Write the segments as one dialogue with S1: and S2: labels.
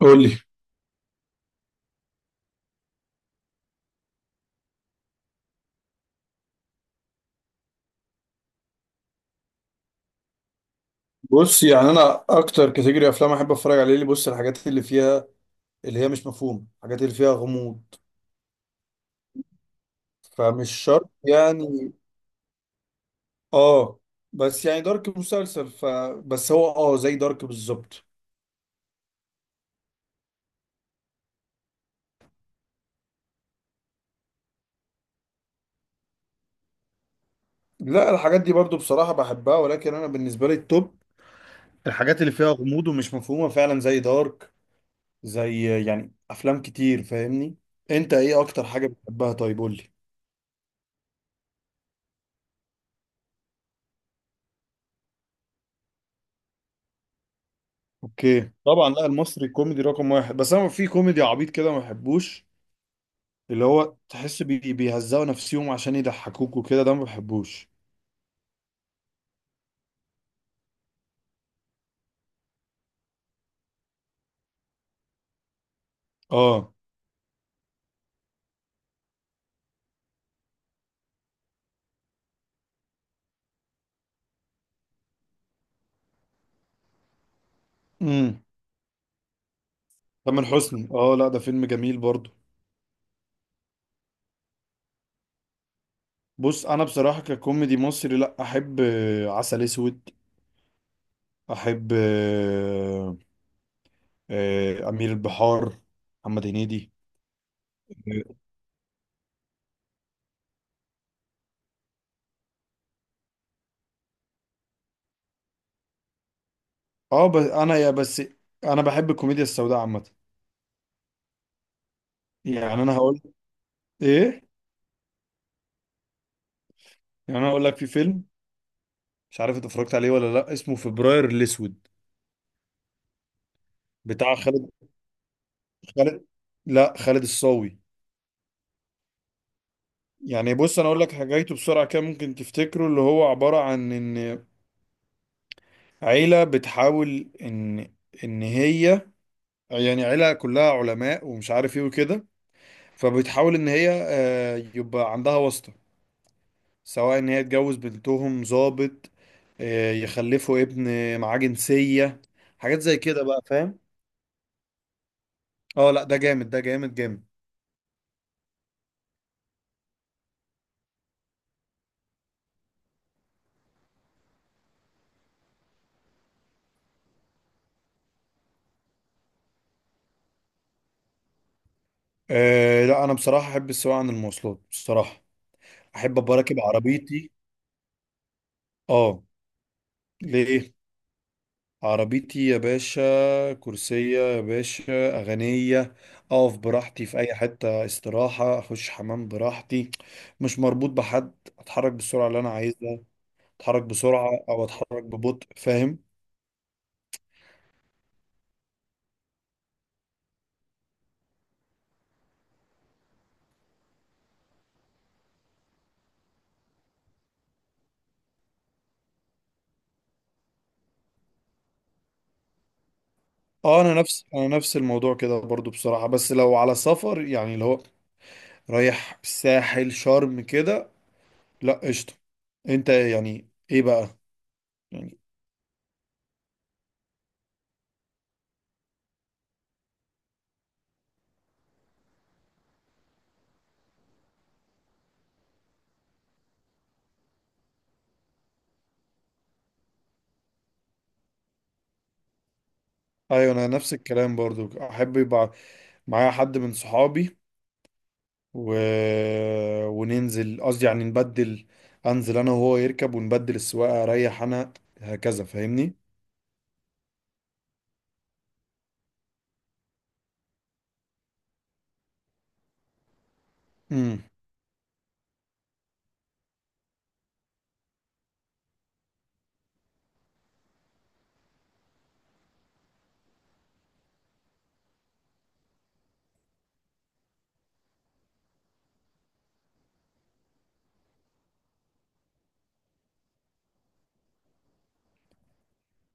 S1: قول لي. بص يعني انا اكتر كاتيجوري افلام احب اتفرج عليه، اللي الحاجات اللي فيها، اللي هي مش مفهومه، الحاجات اللي فيها غموض، فمش شرط يعني. اه، بس يعني دارك مسلسل، بس هو اه زي دارك بالظبط. لا الحاجات دي برضو بصراحه بحبها، ولكن انا بالنسبه لي التوب الحاجات اللي فيها غموض ومش مفهومه فعلا زي دارك، زي يعني افلام كتير، فاهمني؟ انت ايه اكتر حاجه بتحبها؟ طيب قول لي. اوكي طبعا، لا المصري كوميدي رقم واحد، بس انا في كوميدي عبيط كده ما بحبوش، اللي هو تحس بي بيهزقوا نفسيهم عشان يضحكوك وكده، ده ما بحبوش. اه. امم. تامر حسني، اه لا ده فيلم جميل برضو. بص انا بصراحة ككوميدي مصري، لا احب عسل اسود، احب امير البحار، محمد هنيدي. اه بس انا يا بس انا بحب الكوميديا السوداء عامة. يعني انا هقول ايه؟ يعني انا هقول لك في فيلم، مش عارف انت اتفرجت عليه ولا لا، اسمه فبراير الاسود، بتاع خالد، لا خالد الصاوي. يعني بص انا اقول لك حاجاته بسرعه كده ممكن تفتكره، اللي هو عباره عن ان عيله بتحاول ان هي، يعني عيله كلها علماء ومش عارف ايه وكده، فبتحاول ان هي يبقى عندها واسطه، سواء ان هي تجوز بنتهم ضابط، يخلفوا ابن معاه جنسيه، حاجات زي كده بقى، فاهم؟ اه لا ده جامد، ده جامد. آه لا انا بصراحه احب السواقه عن المواصلات بصراحه، احب ابقى راكب عربيتي. اه. ليه؟ عربيتي يا باشا، كرسية يا باشا أغنية، أقف براحتي في أي حتة استراحة، أخش حمام براحتي، مش مربوط بحد، أتحرك بالسرعة اللي أنا عايزها، أتحرك بسرعة أو أتحرك ببطء، فاهم؟ أه أنا نفس الموضوع كده برضو بصراحة، بس لو على سفر يعني اللي هو رايح الساحل شرم كده، لأ قشطة. أنت يعني إيه بقى؟ يعني أيوة أنا نفس الكلام برضو، أحب يبقى معايا حد من صحابي و... وننزل، قصدي يعني نبدل، انزل انا وهو يركب ونبدل السواقه، اريح انا، هكذا، فاهمني؟ امم.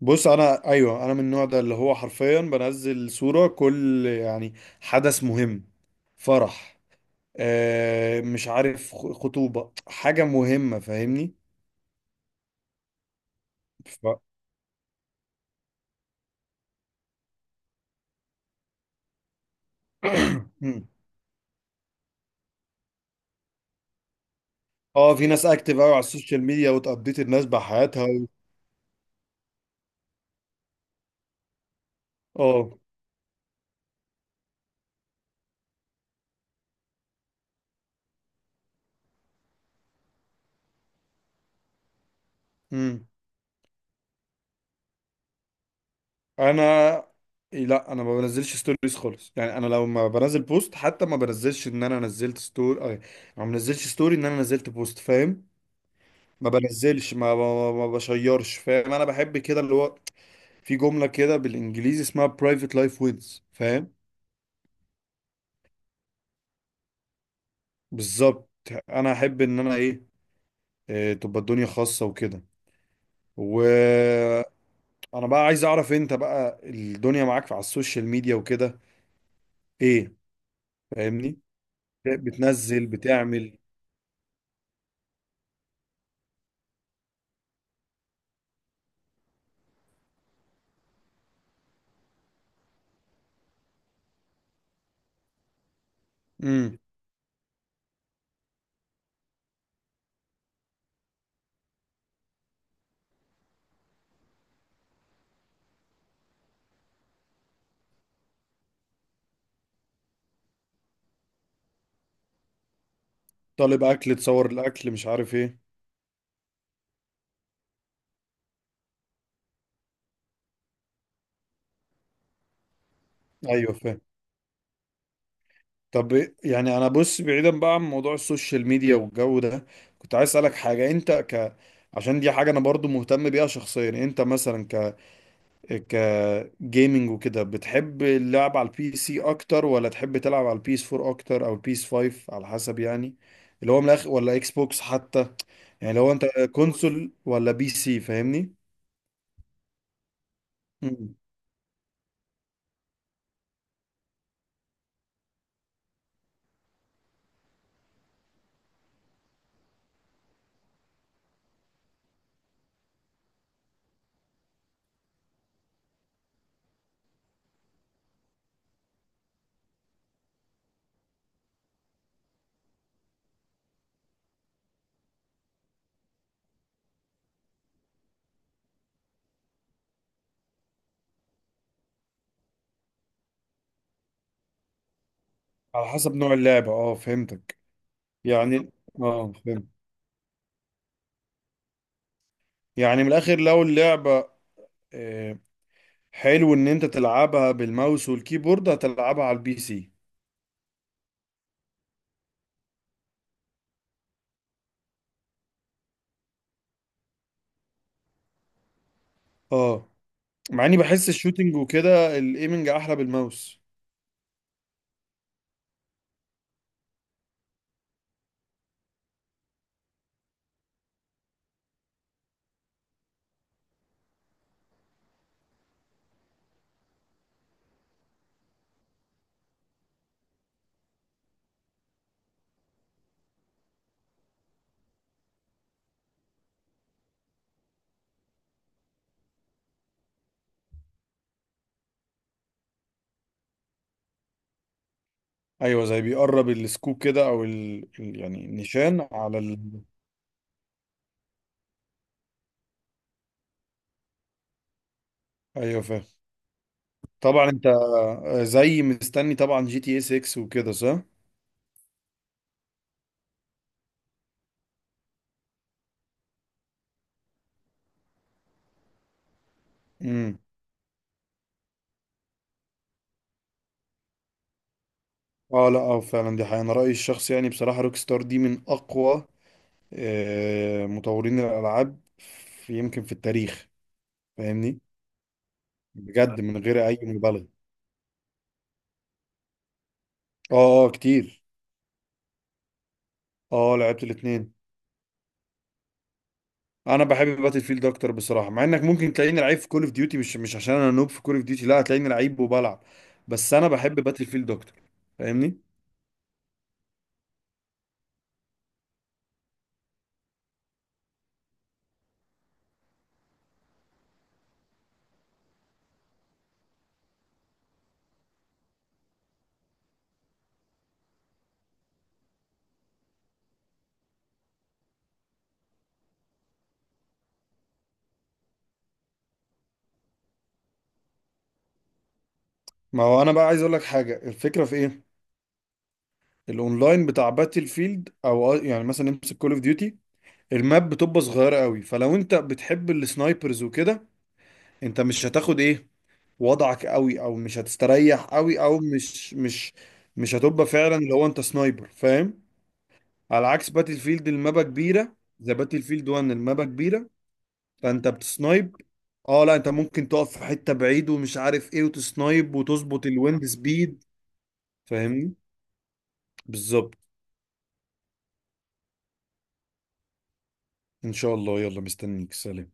S1: بص انا ايوه انا من النوع ده اللي هو حرفيا بنزل صوره كل يعني حدث مهم، فرح، آه مش عارف، خطوبه، حاجه مهمه، فاهمني؟ ف... مم. اه في ناس اكتف قوي على السوشيال ميديا وتقضيت الناس بحياتها اه. امم. انا؟ لا انا ما بنزلش ستوريز خالص، يعني انا لو ما بنزل بوست حتى ما بنزلش ان انا نزلت ستوري ما بنزلش ستوري ان انا نزلت بوست، فاهم؟ ما بنزلش ما بشيرش، فاهم؟ انا بحب كده اللي هو في جملة كده بالانجليزي اسمها private life wins، فاهم؟ بالظبط، انا احب ان انا ايه، تبقى الدنيا خاصة وكده. و انا بقى عايز اعرف انت بقى الدنيا معاك على السوشيال ميديا وكده ايه؟ فاهمني؟ بتنزل؟ بتعمل؟ امم. طالب اكل تصور الاكل مش عارف ايه. ايوه فاهم. طب يعني انا بص بعيدا بقى عن موضوع السوشيال ميديا والجو ده، كنت عايز اسالك حاجه، انت عشان دي حاجه انا برضو مهتم بيها شخصيا، انت مثلا ك ك جيمنج وكده، بتحب اللعب على البي سي اكتر ولا تحب تلعب على البيس 4 اكتر او البيس 5، على حسب يعني، اللي هو من الاخر، ولا اكس بوكس حتى، يعني لو انت كونسول ولا بي سي، فاهمني؟ مم. على حسب نوع اللعبه، اه فهمتك. يعني اه فهمت. يعني من الاخر لو اللعبة آه، حلو ان انت تلعبها بالماوس والكيبورد هتلعبها على البي سي. اه، مع اني بحس الشوتينج وكده الايمنج احلى بالماوس. ايوه، زي بيقرب السكوب كده، او يعني النيشان على ايوه فاهم. طبعا انت زي مستني طبعا جي تي اس 6 وكده، صح؟ امم. اه لا اه فعلا دي حقيقة، انا رأيي الشخصي يعني بصراحة روك ستار دي من اقوى مطورين الالعاب في، يمكن في التاريخ، فاهمني؟ بجد من غير اي مبالغه. اه اه كتير. اه لعبت الاثنين. انا بحب باتل فيلد اكتر بصراحه، مع انك ممكن تلاقيني لعيب في كول اوف ديوتي، مش عشان انا نوب في كول اوف ديوتي، لا هتلاقيني لعيب وبلعب، بس انا بحب باتل فيلد اكتر، فاهمني؟ ما هو انا بقى عايز اقول لك حاجه الفكره في ايه، الاونلاين بتاع باتل فيلد او يعني مثلا امسك كول اوف ديوتي، الماب بتبقى صغيره قوي، فلو انت بتحب السنايبرز وكده انت مش هتاخد ايه وضعك قوي، او مش هتستريح قوي، او مش هتبقى فعلا اللي هو انت سنايبر، فاهم؟ على عكس باتل فيلد المابا كبيره، زي باتل فيلد 1 المابا كبيره، فانت بتسنايب. اه لا انت ممكن تقف في حته بعيد ومش عارف ايه وتسنايب وتظبط الويند سبيد، فاهمني؟ بالظبط. ان شاء الله، يلا مستنيك، سلام.